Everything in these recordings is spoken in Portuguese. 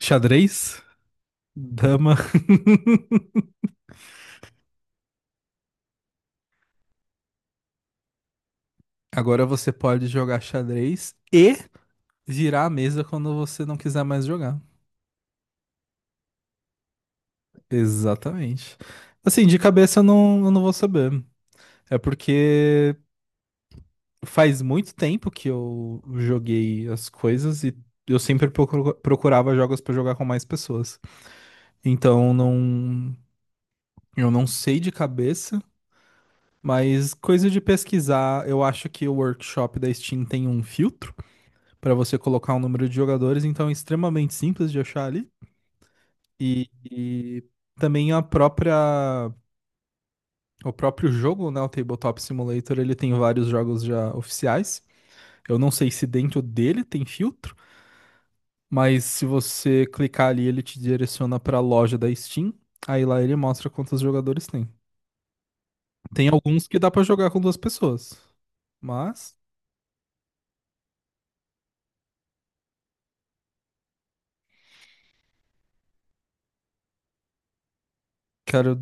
Xadrez, dama. Agora você pode jogar xadrez e virar a mesa quando você não quiser mais jogar. Exatamente. Assim, de cabeça eu não vou saber. É porque faz muito tempo que eu joguei as coisas e eu sempre procurava jogos pra jogar com mais pessoas. Então não, eu não sei de cabeça, mas coisa de pesquisar, eu acho que o workshop da Steam tem um filtro para você colocar um número de jogadores, então é extremamente simples de achar ali. E também a própria, o próprio jogo, né, o Tabletop Simulator, ele tem vários jogos já oficiais. Eu não sei se dentro dele tem filtro, mas se você clicar ali, ele te direciona para a loja da Steam. Aí lá ele mostra quantos jogadores tem. Tem alguns que dá para jogar com duas pessoas. Mas, cara,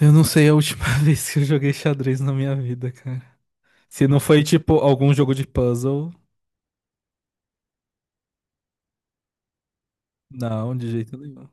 eu não sei a última vez que eu joguei xadrez na minha vida, cara. Se não foi tipo algum jogo de puzzle. Não, de jeito nenhum.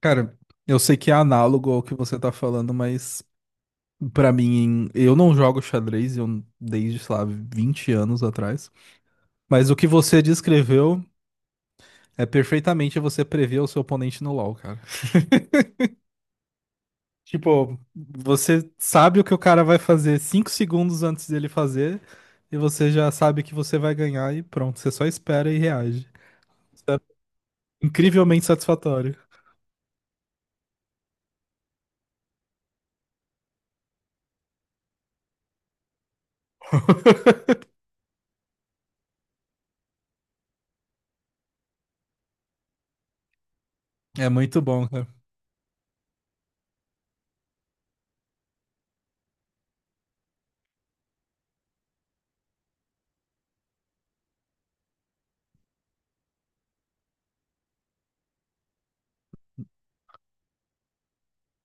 Cara, eu sei que é análogo ao que você tá falando, mas pra mim, eu não jogo xadrez, eu desde, sei lá, 20 anos atrás. Mas o que você descreveu é perfeitamente você prever o seu oponente no LoL, cara. Tipo, você sabe o que o cara vai fazer 5 segundos antes dele fazer, e você já sabe que você vai ganhar e pronto, você só espera e reage. Isso é incrivelmente satisfatório. É muito bom, cara.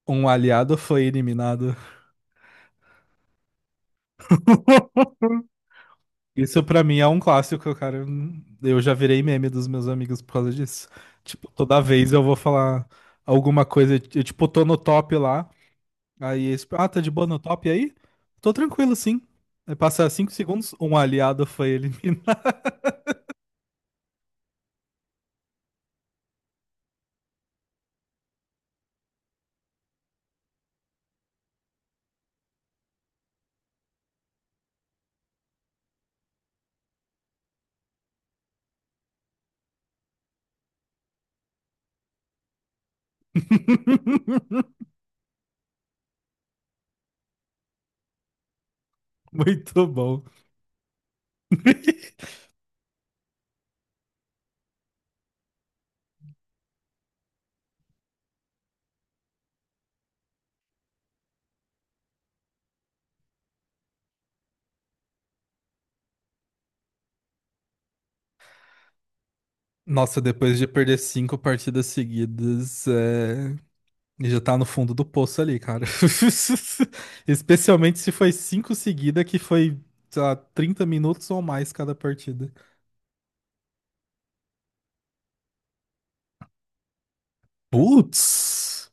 Um aliado foi eliminado. Isso pra mim é um clássico, cara. Eu já virei meme dos meus amigos por causa disso. Tipo, toda vez eu vou falar alguma coisa, eu tipo, tô no top lá, aí eles, ah, tá de boa no top aí? Tô tranquilo, sim. Aí passa 5 segundos, um aliado foi eliminado. Muito bom. Nossa, depois de perder cinco partidas seguidas, é. E já tá no fundo do poço ali, cara. Especialmente se foi cinco seguida, que foi, sei lá, 30 minutos ou mais cada partida. Putz!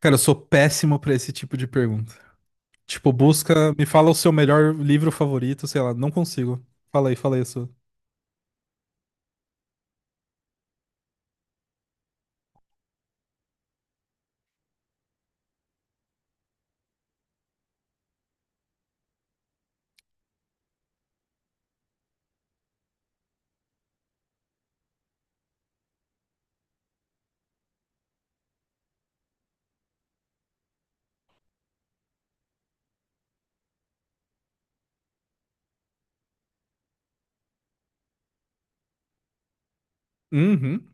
Cara, eu sou péssimo pra esse tipo de pergunta. Tipo, busca, me fala o seu melhor livro favorito, sei lá, não consigo. Fala aí a sua. Uhum.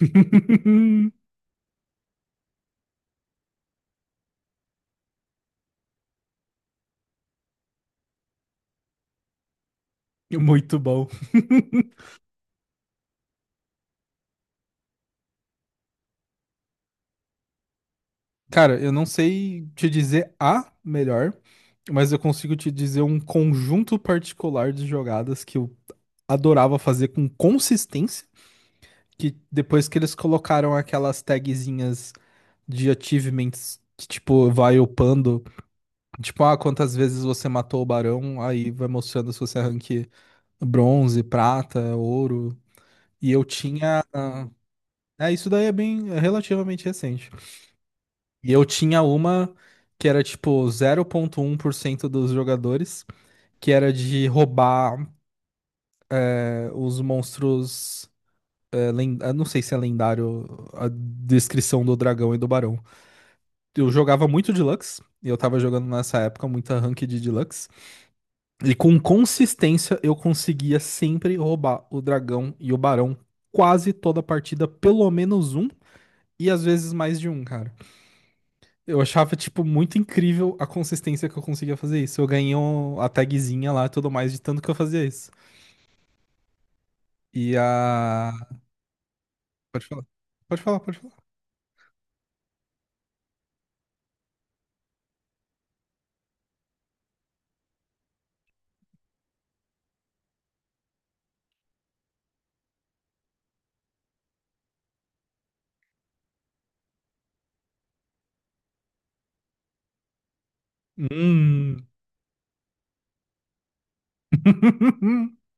Muito bom. Cara, eu não sei te dizer a melhor, mas eu consigo te dizer um conjunto particular de jogadas que eu adorava fazer com consistência, que depois que eles colocaram aquelas tagzinhas de achievements que, tipo, vai upando, tipo, ah, quantas vezes você matou o barão, aí vai mostrando se você é rank bronze, prata, ouro. E eu tinha. É, isso daí é bem relativamente recente. E eu tinha uma que era tipo 0,1% dos jogadores, que era de roubar os monstros, eu não sei se é lendário a descrição do dragão e do barão. Eu jogava muito Deluxe, e eu tava jogando nessa época muita Ranked de Deluxe, e com consistência eu conseguia sempre roubar o dragão e o barão quase toda a partida, pelo menos um, e às vezes mais de um, cara. Eu achava, tipo, muito incrível a consistência que eu conseguia fazer isso. Eu ganhei a tagzinha lá e tudo mais de tanto que eu fazia isso. E a... Pode falar. Pode falar. Hum.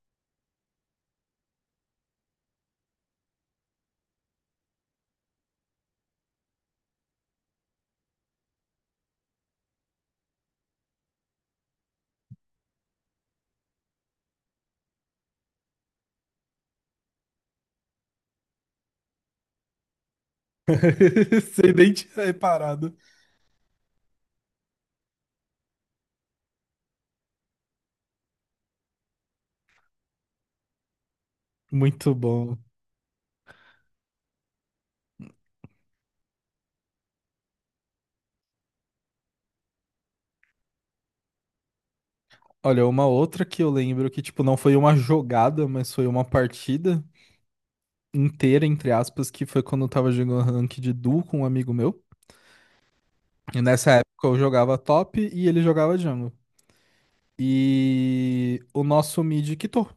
Sem nem ter reparado. Muito bom. Olha, uma outra que eu lembro que, tipo, não foi uma jogada, mas foi uma partida inteira, entre aspas, que foi quando eu tava jogando rank de duo com um amigo meu. E nessa época eu jogava top e ele jogava jungle. E o nosso mid quitou.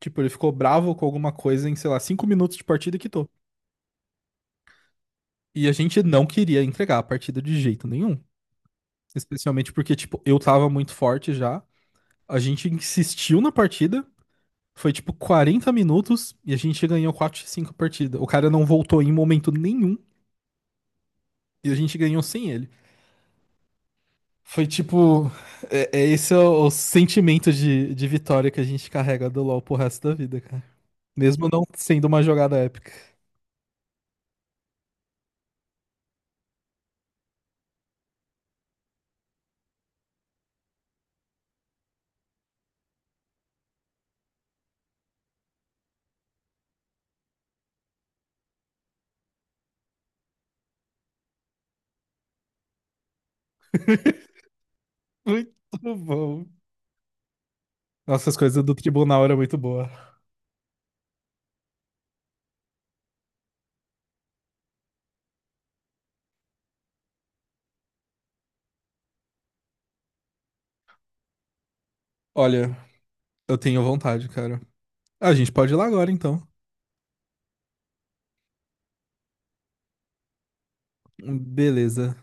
Tipo, ele ficou bravo com alguma coisa em, sei lá, 5 minutos de partida e quitou. E a gente não queria entregar a partida de jeito nenhum. Especialmente porque, tipo, eu tava muito forte já. A gente insistiu na partida. Foi tipo 40 minutos e a gente ganhou quatro x 5 partida. O cara não voltou em momento nenhum e a gente ganhou sem ele. Foi tipo. É, é esse é o sentimento de vitória que a gente carrega do LoL pro resto da vida, cara. Mesmo não sendo uma jogada épica. Muito bom. Nossa, as coisas do tribunal eram muito boa. Olha, eu tenho vontade, cara. Ah, a gente pode ir lá agora, então. Beleza.